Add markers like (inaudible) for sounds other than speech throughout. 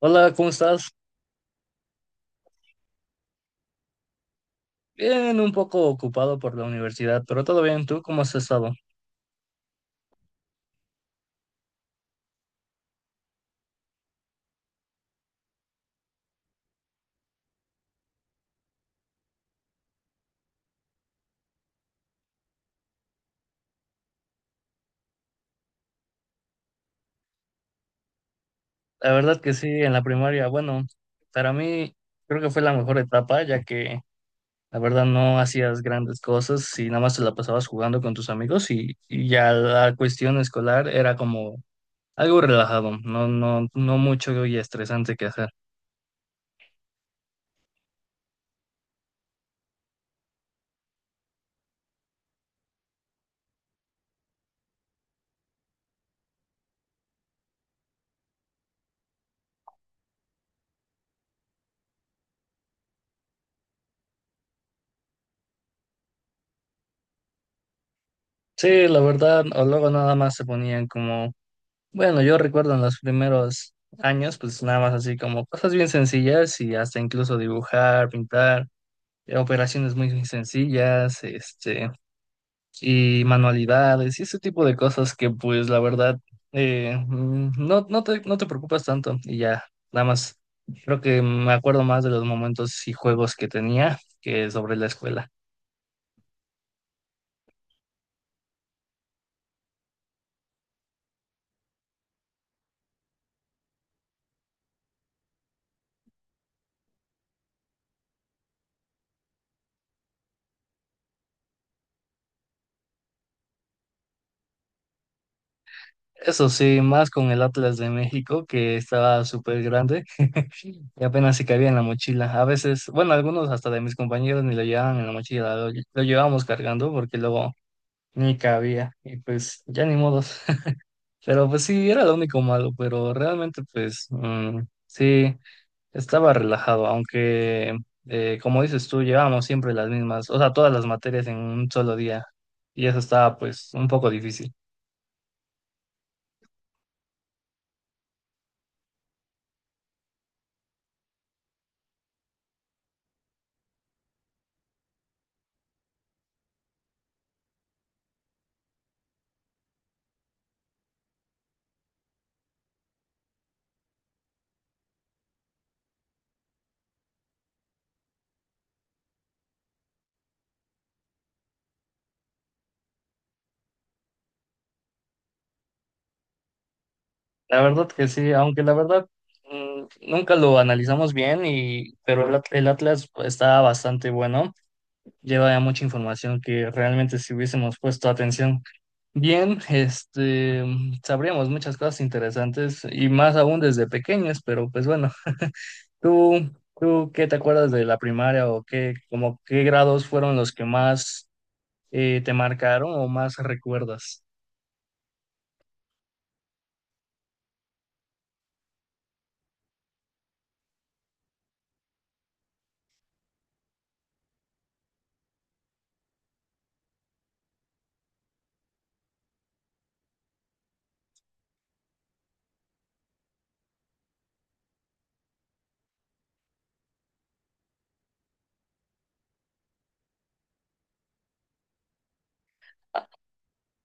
Hola, ¿cómo estás? Bien, un poco ocupado por la universidad, pero todo bien. ¿Tú cómo has estado? La verdad que sí, en la primaria, bueno, para mí creo que fue la mejor etapa, ya que la verdad no hacías grandes cosas y nada más te la pasabas jugando con tus amigos y ya la cuestión escolar era como algo relajado, no, no, no mucho y estresante que hacer. Sí, la verdad, o luego nada más se ponían como bueno, yo recuerdo en los primeros años, pues nada más así como cosas bien sencillas y hasta incluso dibujar, pintar, operaciones muy sencillas, y manualidades y ese tipo de cosas que pues la verdad no, no te preocupas tanto y ya, nada más creo que me acuerdo más de los momentos y juegos que tenía que sobre la escuela. Eso sí, más con el Atlas de México que estaba súper grande. Y apenas se cabía en la mochila. A veces, bueno, algunos hasta de mis compañeros ni lo llevaban en la mochila, lo llevábamos cargando porque luego ni cabía. Y pues ya ni modos. (laughs) Pero pues sí, era lo único malo, pero realmente pues mm, sí, estaba relajado, aunque como dices tú, llevábamos siempre las mismas, o sea, todas las materias en un solo día. Y eso estaba pues un poco difícil. La verdad que sí, aunque la verdad mm, nunca lo analizamos bien, pero el Atlas está bastante bueno, lleva ya mucha información que realmente si hubiésemos puesto atención bien, sabríamos muchas cosas interesantes y más aún desde pequeños, pero pues bueno, ¿tú, ¿tú qué te acuerdas de la primaria o qué, como qué grados fueron los que más te marcaron o más recuerdas?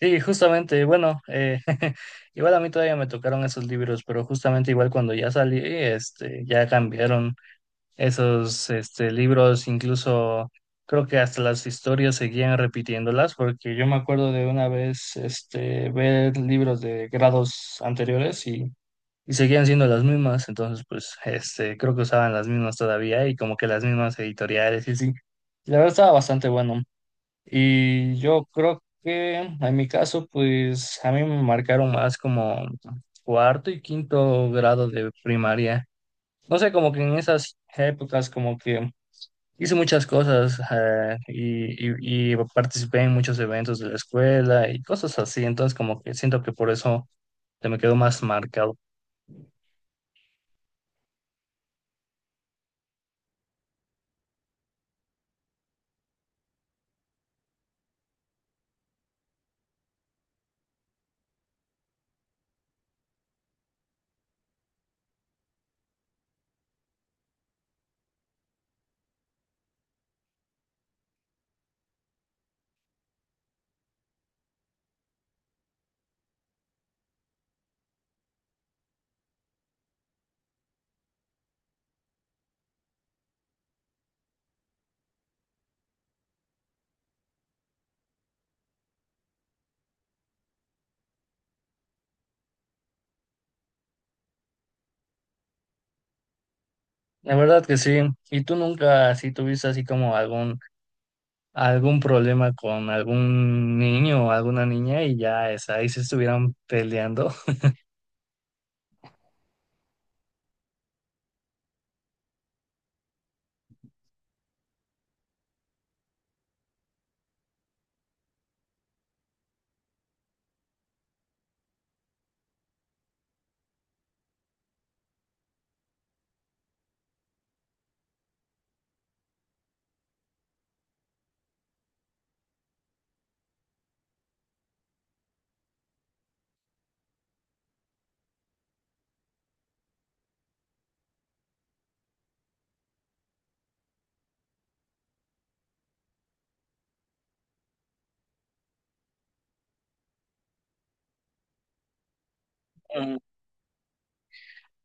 Sí, justamente, bueno, (laughs) igual a mí todavía me tocaron esos libros, pero justamente igual cuando ya salí, ya cambiaron esos, libros, incluso creo que hasta las historias seguían repitiéndolas, porque yo me acuerdo de una vez, ver libros de grados anteriores y seguían siendo las mismas, entonces, pues, creo que usaban las mismas todavía y como que las mismas editoriales y sí. La verdad estaba bastante bueno, y yo creo que en mi caso, pues a mí me marcaron más como cuarto y quinto grado de primaria. No sé, como que en esas épocas como que hice muchas cosas y participé en muchos eventos de la escuela y cosas así. Entonces como que siento que por eso se me quedó más marcado. La verdad que sí. ¿Y tú nunca así tuviste así como algún problema con algún niño o alguna niña y ya es ahí se estuvieran peleando? Mm.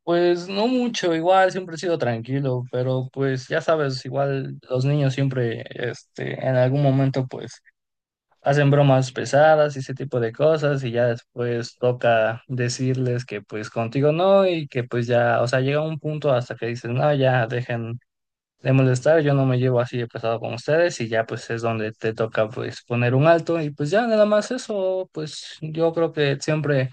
Pues no mucho, igual siempre he sido tranquilo, pero pues ya sabes, igual los niños siempre en algún momento pues hacen bromas pesadas y ese tipo de cosas y ya después toca decirles que pues contigo no y que pues ya, o sea, llega un punto hasta que dices, "No, ya dejen de molestar, yo no me llevo así de pesado con ustedes y ya pues es donde te toca pues poner un alto y pues ya nada más eso, pues yo creo que siempre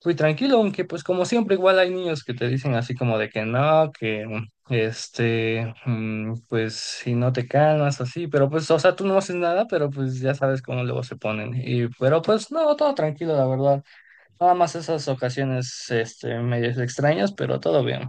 fui tranquilo, aunque pues como siempre igual hay niños que te dicen así como de que no, que pues si no te calmas así, pero pues o sea tú no haces nada, pero pues ya sabes cómo luego se ponen y pero pues no, todo tranquilo la verdad, nada más esas ocasiones medias extrañas, pero todo bien.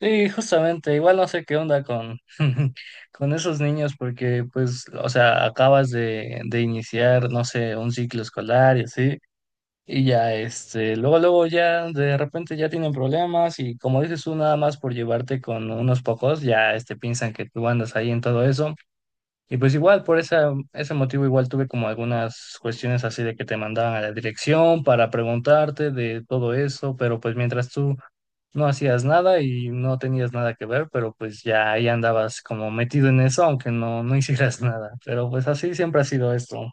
Sí, justamente, igual no sé qué onda con, (laughs) con esos niños porque pues, o sea, de iniciar, no sé, un ciclo escolar y así, y ya, luego ya de repente ya tienen problemas y como dices tú, nada más por llevarte con unos pocos, ya, piensan que tú andas ahí en todo eso, y pues igual, ese motivo igual tuve como algunas cuestiones así de que te mandaban a la dirección para preguntarte de todo eso, pero pues mientras tú no hacías nada y no tenías nada que ver, pero pues ya ahí andabas como metido en eso, aunque no, no hicieras (laughs) nada. Pero pues así siempre ha sido esto.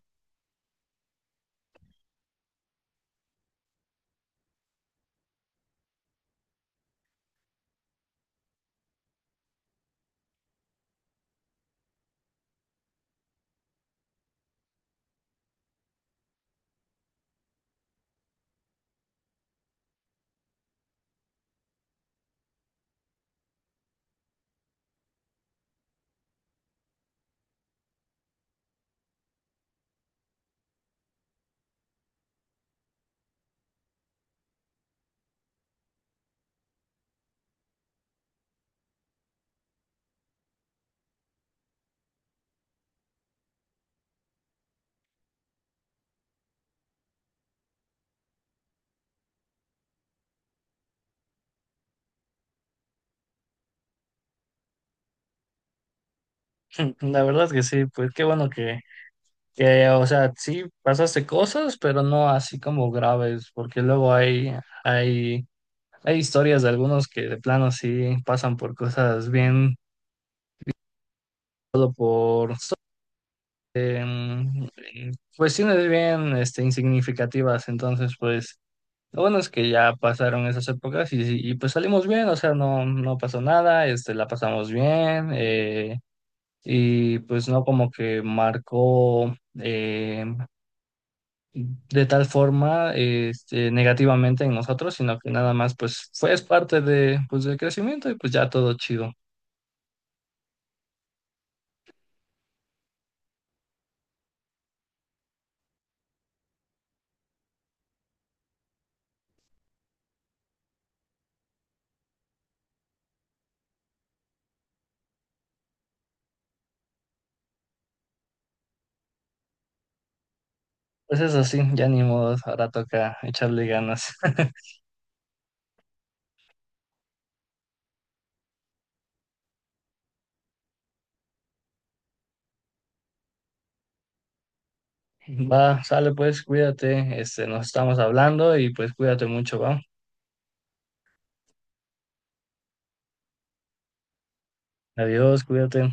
(laughs) La verdad es que sí, pues qué bueno que, o sea, sí pasaste cosas, pero no así como graves, porque luego hay, hay historias de algunos que de plano sí pasan por cosas bien, solo por em, cuestiones bien, insignificativas. Entonces, pues lo bueno es que ya pasaron esas épocas y pues salimos bien, o sea, no, no pasó nada, la pasamos bien, y pues no como que marcó eh, de tal forma negativamente en nosotros, sino que nada más pues fue es parte de, pues, del crecimiento y pues ya todo chido. Pues eso sí, ya ni modo, ahora toca echarle ganas. (laughs) Va, sale pues, cuídate, nos estamos hablando y pues cuídate mucho, va. Adiós, cuídate.